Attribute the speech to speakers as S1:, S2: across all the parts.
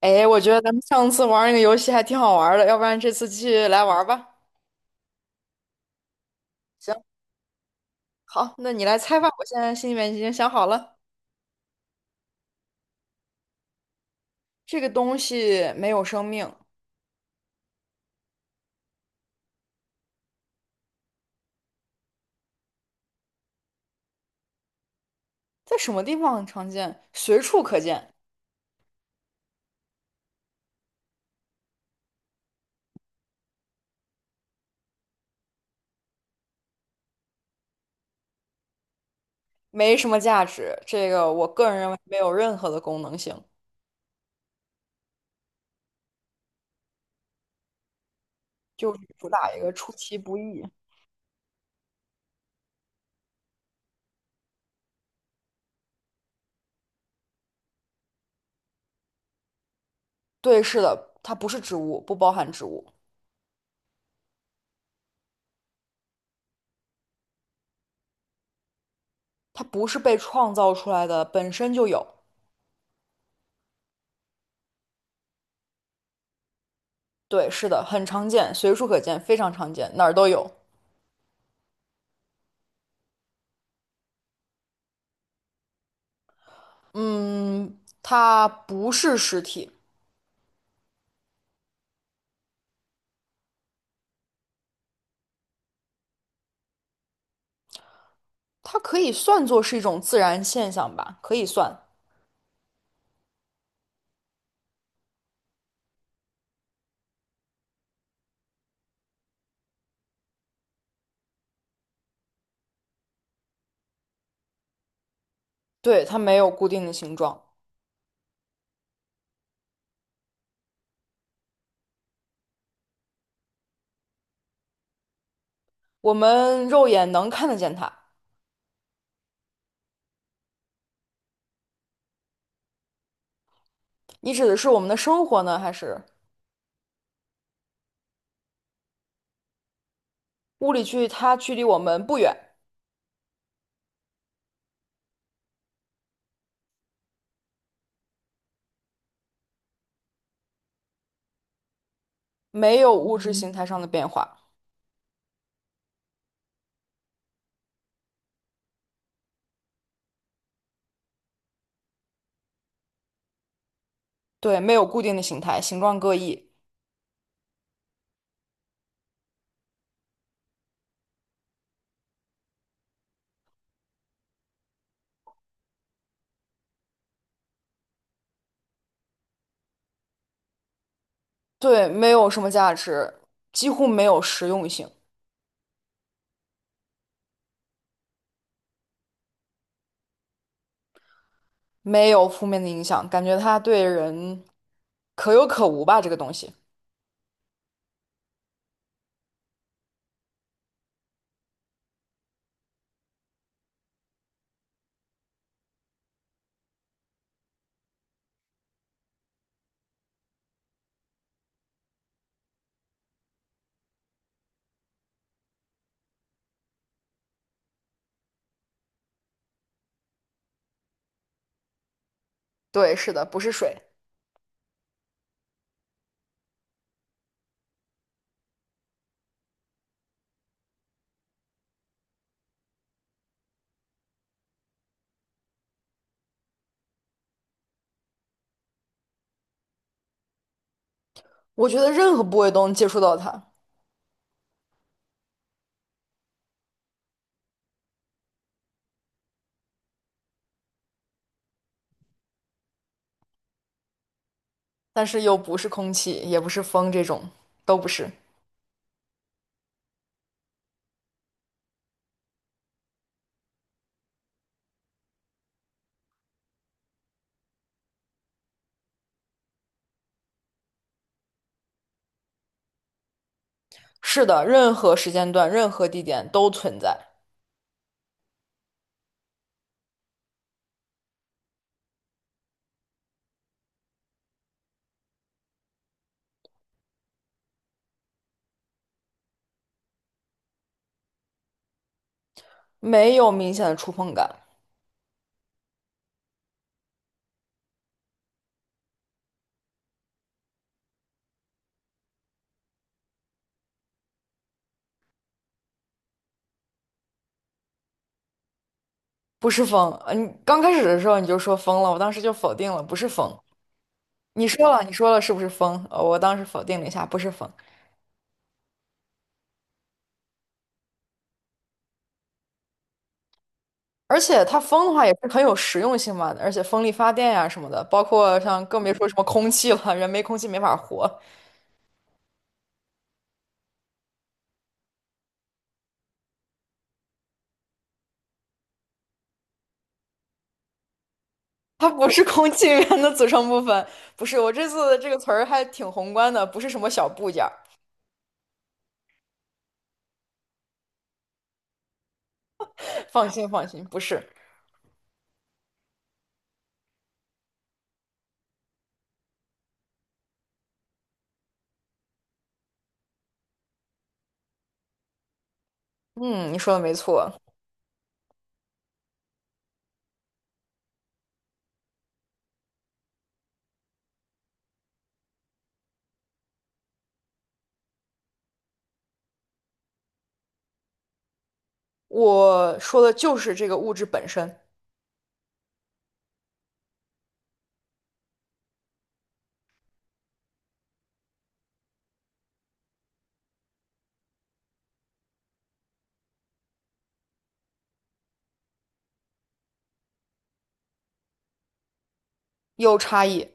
S1: 哎，我觉得咱们上次玩儿那个游戏还挺好玩儿的，要不然这次继续来玩儿吧。行，好，那你来猜吧。我现在心里面已经想好了，这个东西没有生命，在什么地方很常见？随处可见，没什么价值。这个我个人认为没有任何的功能性，就是主打一个出其不意。对，是的，它不是植物，不包含植物，它不是被创造出来的，本身就有。对，是的，很常见，随处可见，非常常见，哪儿都有。嗯，它不是实体，它可以算作是一种自然现象吧，可以算。对，它没有固定的形状，我们肉眼能看得见它。你指的是我们的生活呢，还是物理距离它距离我们不远，没有物质形态上的变化？对，没有固定的形态，形状各异。对，没有什么价值，几乎没有实用性，没有负面的影响，感觉它对人可有可无吧，这个东西。对，是的，不是水。我觉得任何部位都能接触到它，但是又不是空气，也不是风，这种都不是。是的，任何时间段、任何地点都存在，没有明显的触碰感。不是风，嗯，你刚开始的时候你就说风了，我当时就否定了，不是风。你说了，你说了是不是风？我当时否定了一下，不是风。而且它风的话也是很有实用性嘛，而且风力发电呀、什么的，包括像更别说什么空气了，人没空气没法活。它不是空气源的组成部分，不是。我这次的这个词儿还挺宏观的，不是什么小部件儿。放心，放心，不是。嗯，你说的没错，我说的就是这个物质本身有差异。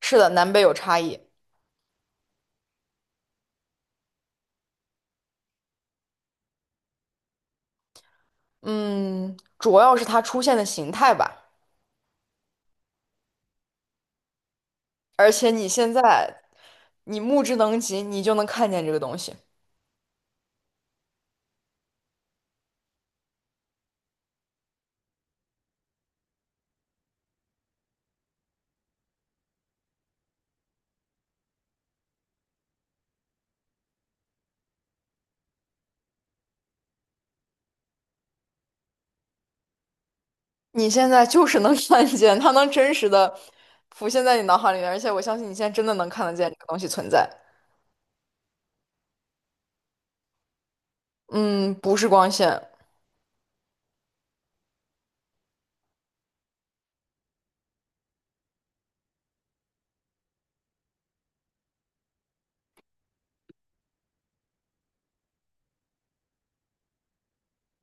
S1: 是的，南北有差异。嗯，主要是它出现的形态吧。而且你现在目之能及，你就能看见这个东西。你现在就是能 看见，它能真实的浮现在你脑海里面，而且我相信你现在真的能看得见这个东西存在。嗯，不是光线，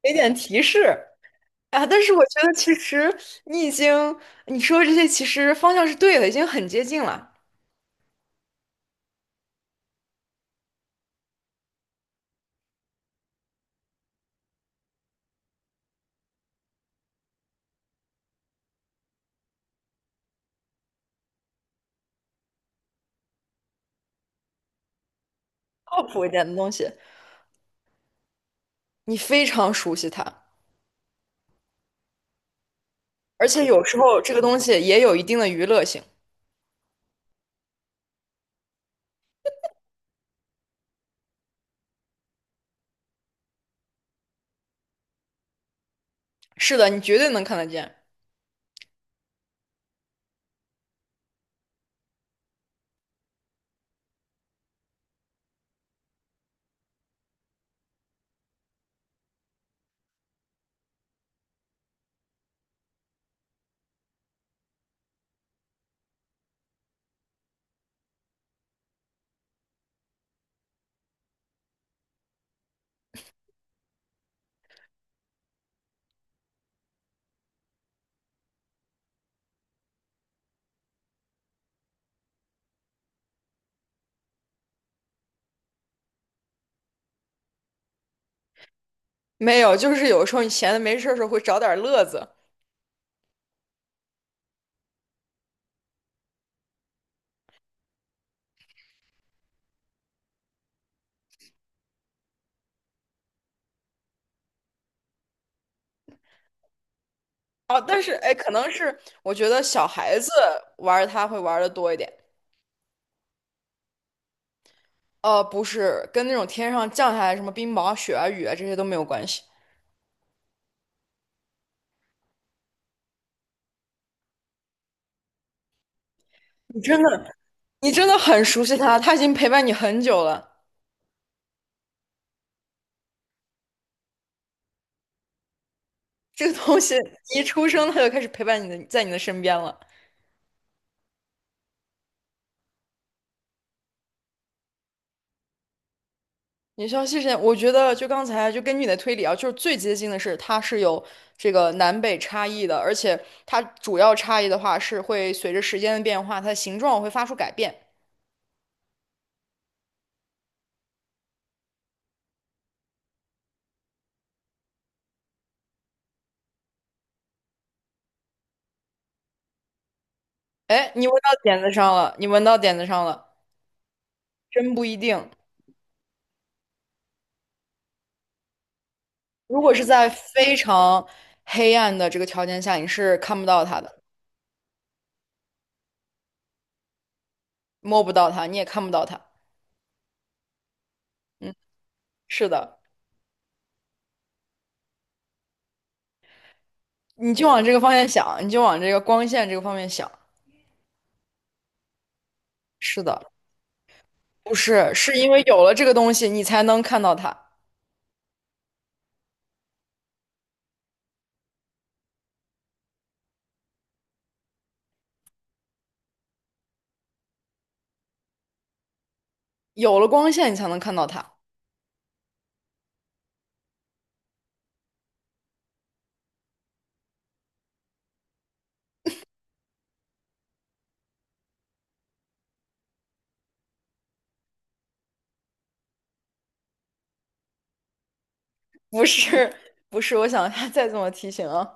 S1: 给点提示啊！但是我觉得其实你已经你说的这些其实方向是对的，已经很接近了。靠谱一点的东西，你非常熟悉它，而且有时候这个东西也有一定的娱乐性。是的，你绝对能看得见。没有，就是有时候你闲的没事儿的时候会找点儿乐子哦。但是哎，可能是我觉得小孩子玩儿它会玩的多一点。不是，跟那种天上降下来什么冰雹、雪啊、雨啊这些都没有关系。你真的。你真的很熟悉它，它已经陪伴你很久了。这个东西一出生它就开始陪伴你的，在你的身边了。你需要谢谢，我觉得就刚才就根据你的推理啊，就是最接近的是它是有这个南北差异的，而且它主要差异的话是会随着时间的变化，它的形状会发出改变。哎，你闻到点子上了，你闻到点子上了，真不一定。如果是在非常黑暗的这个条件下，你是看不到它的，摸不到它，你也看不到它。嗯，是的。你就往这个方向想，你就往这个光线这个方面想。是的，不是，是因为有了这个东西，你才能看到它；有了光线，你才能看到它。不是，不是，我想 一下再怎么提醒啊，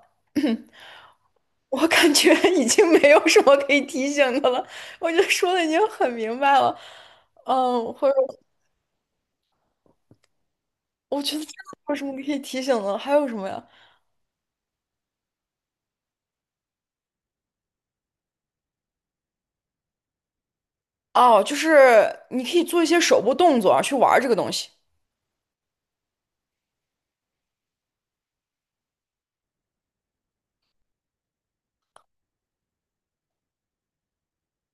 S1: 我感觉 已经没有什么可以提醒的了，我觉得说的已经很明白了。嗯，或者我觉得真的没有什么可以提醒的了还有什么呀？哦，就是你可以做一些手部动作啊，去玩这个东西。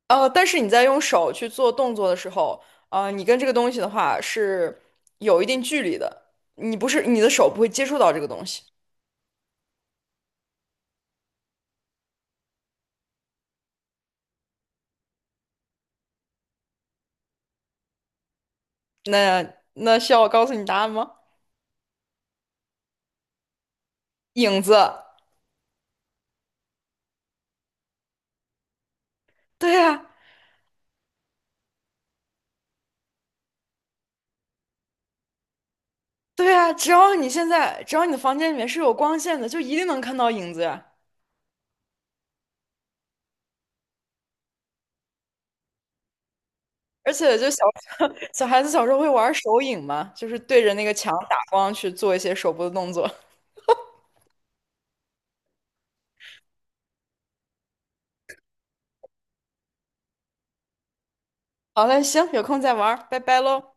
S1: 但是你在用手去做动作的时候，你跟这个东西的话是有一定距离的，你的手不会接触到这个东西。那需要我告诉你答案吗？影子。对呀，对呀，只要你现在只要你的房间里面是有光线的，就一定能看到影子呀。而且就小 小孩子小时候会玩手影嘛，就是对着那个墙打光去做一些手部的动作。好嘞，行，有空再玩儿拜拜喽。